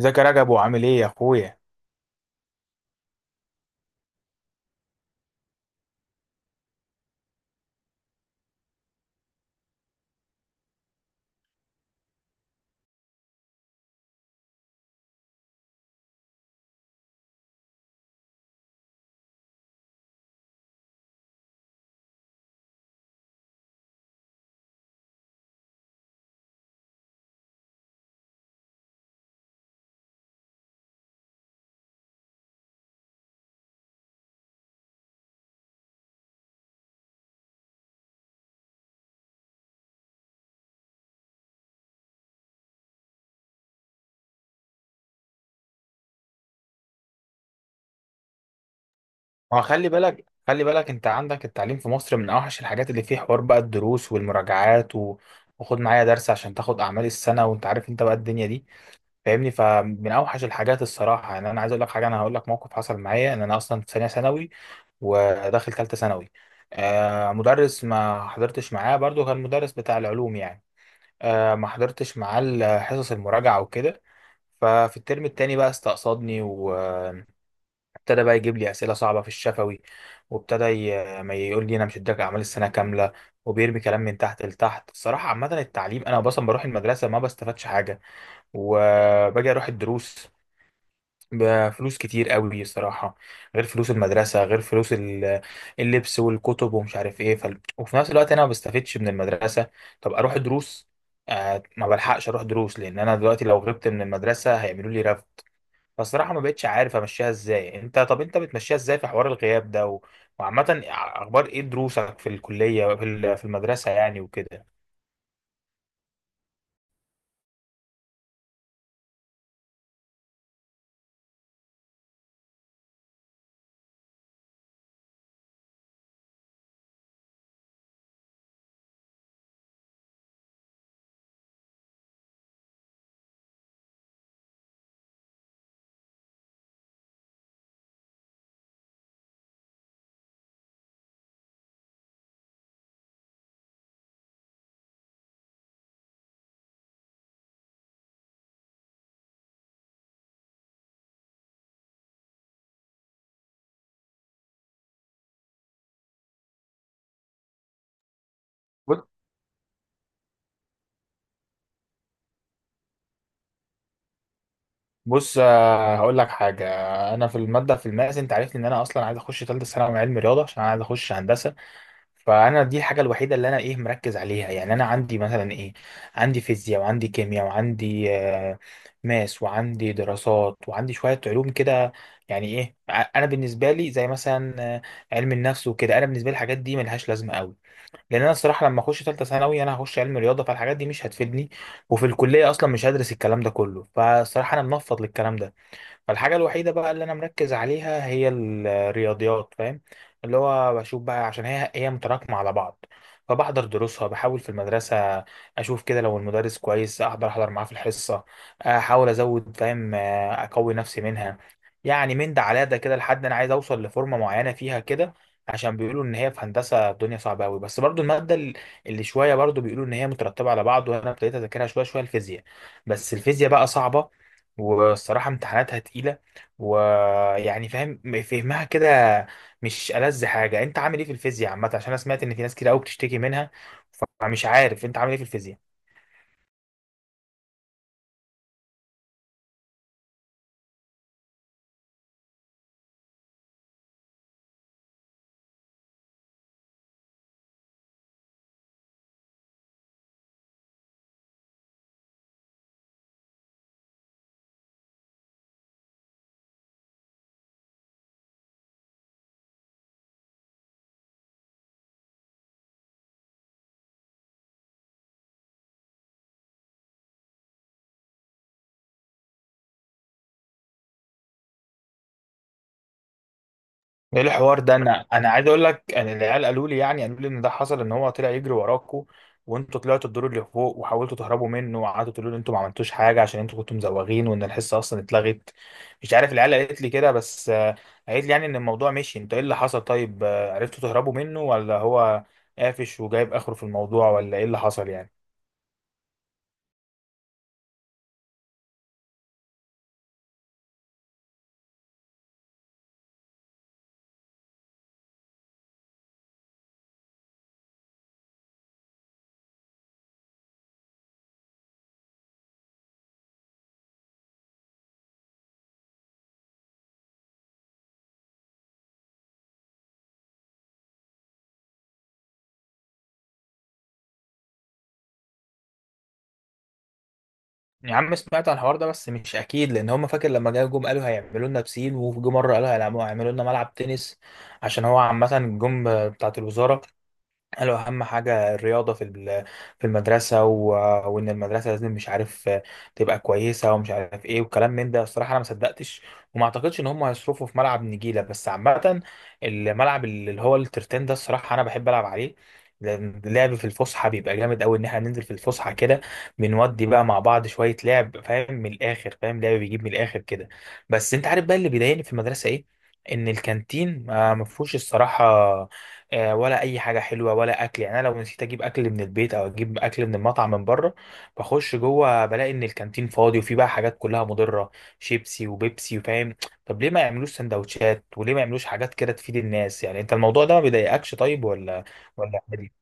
ازيك يا رجب وعامل ايه يا اخويا؟ ما هو خلي بالك خلي بالك، انت عندك التعليم في مصر من اوحش الحاجات اللي فيه حوار، بقى الدروس والمراجعات وخد معايا درس عشان تاخد اعمال السنه، وانت عارف انت بقى الدنيا دي، فاهمني؟ فمن اوحش الحاجات الصراحه، يعني انا عايز اقول لك حاجه، انا هقول لك موقف حصل معايا، ان انا اصلا في ثانيه ثانوي وداخل ثالثه ثانوي. آه، مدرس ما حضرتش معاه برضو، كان مدرس بتاع العلوم يعني. آه، ما حضرتش معاه حصص المراجعه وكده. ففي الترم التاني بقى استقصدني، و ابتدى بقى يجيب لي اسئله صعبه في الشفوي، وابتدى ما يقول لي انا مش هديك اعمال السنه كامله، وبيرمي كلام من تحت لتحت الصراحه. عامه التعليم، انا اصلا بروح المدرسه ما بستفادش حاجه، وباجي اروح الدروس بفلوس كتير قوي الصراحه، غير فلوس المدرسه، غير فلوس اللبس والكتب ومش عارف ايه، وفي نفس الوقت انا ما بستفدش من المدرسه. طب اروح دروس، آه ما بلحقش اروح دروس، لان انا دلوقتي لو غبت من المدرسه هيعملوا لي. فالصراحة ما بقتش عارف امشيها ازاي. انت طب انت بتمشيها ازاي في حوار الغياب ده وعامة اخبار ايه دروسك في الكلية، في في المدرسة يعني وكده؟ بص بص، آه، هقول لك حاجة. انا في المادة، في الماس، انت عارفني ان انا اصلا عايز اخش ثالثة ثانوي علم رياضة، عشان انا عايز اخش هندسة. فانا دي الحاجه الوحيده اللي انا، ايه، مركز عليها. يعني انا عندي مثلا ايه؟ عندي فيزياء، وعندي كيمياء، وعندي آه، ماس، وعندي دراسات، وعندي شويه علوم كده. يعني ايه انا بالنسبه لي زي مثلا آه، علم النفس وكده، انا بالنسبه لي الحاجات دي ملهاش لازمه قوي. لان انا الصراحه لما اخش ثالثه ثانوي انا هخش علم رياضه، فالحاجات دي مش هتفيدني، وفي الكليه اصلا مش هدرس الكلام ده كله، فالصراحه انا منفض للكلام ده. فالحاجة الوحيدة بقى اللي أنا مركز عليها هي الرياضيات، فاهم؟ اللي هو بشوف بقى عشان هي متراكمة على بعض. فبحضر دروسها، بحاول في المدرسة أشوف كده لو المدرس كويس أحضر معاه في الحصة، أحاول أزود، فاهم، آه، أقوي نفسي منها. يعني من ده على ده كده لحد أنا عايز أوصل لفورمة معينة فيها كده، عشان بيقولوا إن هي في هندسة الدنيا صعبة أوي. بس برضو المادة اللي شوية، برضو بيقولوا إن هي مترتبة على بعض، وأنا ابتديت أذاكرها شوية شوية الفيزياء. بس الفيزياء بقى صعبة، والصراحة امتحاناتها تقيلة، ويعني، فاهم، فهمها كده مش ألذ حاجة. انت عامل ايه في الفيزياء عامة؟ عشان انا سمعت ان في ناس كتير قوي بتشتكي منها، فمش عارف انت عامل ايه في الفيزياء. ايه الحوار ده؟ انا عايز اقول لك ان العيال قالوا لي، يعني قالوا لي ان ده حصل، ان هو طلع يجري وراكوا، وانتوا طلعتوا الدور اللي فوق وحاولتوا تهربوا منه، وقعدتوا تقولوا ان انتوا ما عملتوش حاجه، عشان انتوا كنتوا مزوغين، وان الحصه اصلا اتلغت. مش عارف، العيال قالت لي كده بس. آه، قالت لي يعني ان الموضوع مشي. انتوا ايه اللي حصل؟ طيب آه، عرفتوا تهربوا منه ولا هو قافش وجايب اخره في الموضوع، ولا ايه اللي حصل يعني؟ يا عم، سمعت عن الحوار ده بس مش اكيد. لان هم، فاكر لما جا جم قالوا هيعملوا لنا بسين، وجم مره قالوا هيعملوا لنا ملعب تنس، عشان هو عامه جم بتاعه الوزاره قال له اهم حاجه الرياضه في في المدرسه، وان المدرسه لازم، مش عارف، تبقى كويسه، ومش عارف ايه وكلام من ده. الصراحه انا ما صدقتش، وما اعتقدش ان هم هيصرفوا في ملعب نجيله. بس عامه، الملعب اللي هو الترتان ده، الصراحه انا بحب العب عليه، لأن اللعب في الفسحه بيبقى جامد قوي. ان احنا ننزل في الفسحه كده بنودي بقى مع بعض شويه لعب، فاهم، من الاخر، فاهم، لعب بيجيب من الاخر كده. بس انت عارف بقى اللي بيضايقني في المدرسه ايه؟ ان الكانتين آه، ما فيهوش الصراحه آه، ولا اي حاجه حلوه ولا اكل. يعني انا لو نسيت اجيب اكل من البيت او اجيب اكل من المطعم من بره، بخش جوه بلاقي ان الكانتين فاضي، وفي بقى حاجات كلها مضره، شيبسي وبيبسي وفاهم. طب ليه ما يعملوش سندوتشات؟ وليه ما يعملوش حاجات كده تفيد الناس يعني؟ انت الموضوع ده ما بيضايقكش طيب، ولا ولا عادي؟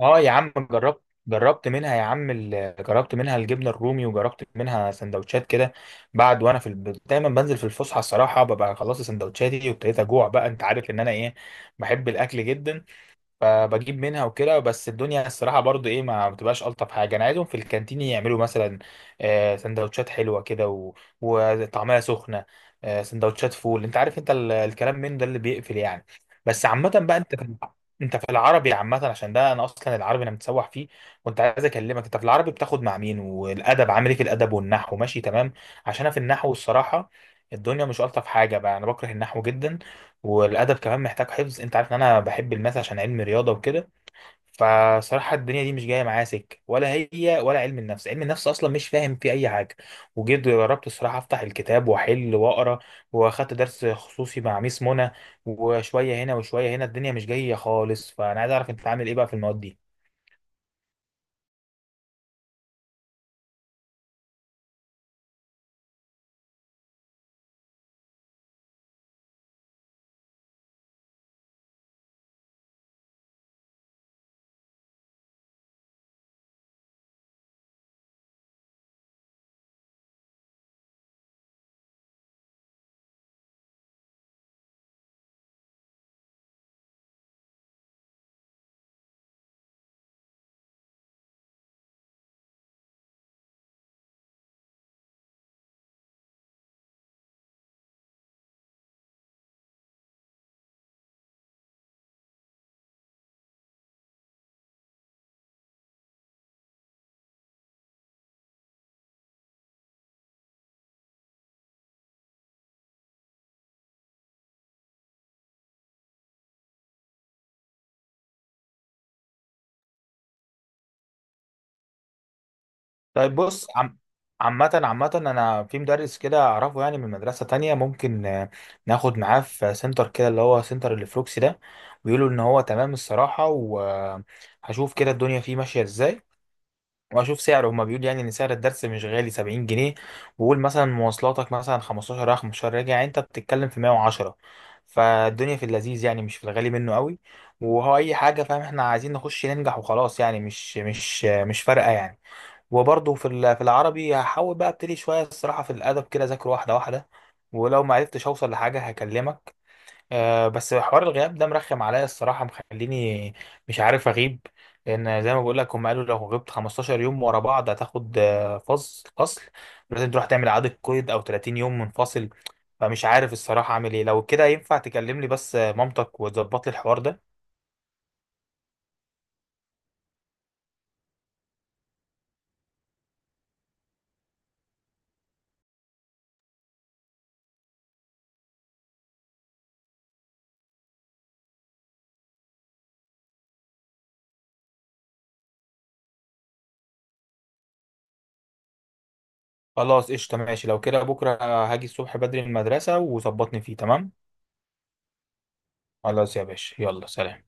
اه يا عم، جربت منها يا عم، جربت منها الجبنه الرومي، وجربت منها سندوتشات كده. بعد وانا في دايما بنزل في الفسحه الصراحه، ببقى خلصت سندوتشاتي وابتديت اجوع بقى. انت عارف ان انا، ايه، بحب الاكل جدا، فبجيب منها وكده. بس الدنيا الصراحة برضو ايه ما بتبقاش ألطف حاجة. أنا عايزهم في الكانتين يعملوا مثلا آه، سندوتشات حلوة كده وطعمها سخنة، آه، سندوتشات فول، انت عارف انت الكلام من ده اللي بيقفل يعني. بس عامة بقى، انت في، انت في العربي عامة، عشان ده انا اصلا العربي انا متسوح فيه. وانت عايز اكلمك، انت في العربي بتاخد مع مين؟ والادب عامل ايه؟ في الادب والنحو ماشي تمام؟ عشان انا في النحو الصراحة الدنيا مش ألطف حاجة بقى، انا بكره النحو جدا، والادب كمان محتاج حفظ. انت عارف ان انا بحب الماث عشان علم رياضه وكده، فصراحه الدنيا دي مش جايه معايا سكه، ولا هي، ولا علم النفس. علم النفس اصلا مش فاهم فيه اي حاجه، وجيت جربت الصراحه افتح الكتاب واحل واقرا، واخدت درس خصوصي مع ميس منى، وشويه هنا وشويه هنا الدنيا مش جايه خالص. فانا عايز اعرف انت عامل ايه بقى في المواد دي. طيب بص عم. عامة أنا في مدرس كده أعرفه، يعني من مدرسة تانية. ممكن آه، ناخد معاه في سنتر كده، اللي هو سنتر الفلوكسي ده. بيقولوا إن هو تمام الصراحة، وهشوف كده الدنيا فيه ماشية إزاي. وأشوف سعره، هما بيقولوا يعني إن سعر الدرس مش غالي، سبعين جنيه، وقول مثلا مواصلاتك مثلا خمستاشر رايح خمستاشر راجع، يعني أنت بتتكلم في مية وعشرة. فالدنيا في اللذيذ يعني، مش في الغالي منه قوي. وهو أي حاجة، فاهم، إحنا عايزين نخش ننجح وخلاص يعني. مش فارقة يعني. وبرضه في في العربي هحاول بقى ابتدي شويه الصراحه في الادب كده، اذاكر واحده واحده، ولو ما عرفتش اوصل لحاجه هكلمك. أه، بس حوار الغياب ده مرخم عليا الصراحه، مخليني مش عارف اغيب. لان زي ما بقول لك، هم قالوا لو غبت 15 يوم ورا بعض هتاخد آه، فصل فصل، لازم تروح تعمل اعاده قيد، او 30 يوم منفصل. فمش عارف الصراحه اعمل ايه. لو كده ينفع تكلمني بس آه، مامتك وتظبط لي الحوار ده. خلاص قشطه، ماشي لو كده. بكره هاجي الصبح بدري من المدرسه وظبطني فيه تمام. خلاص يا باشا، يلا سلام.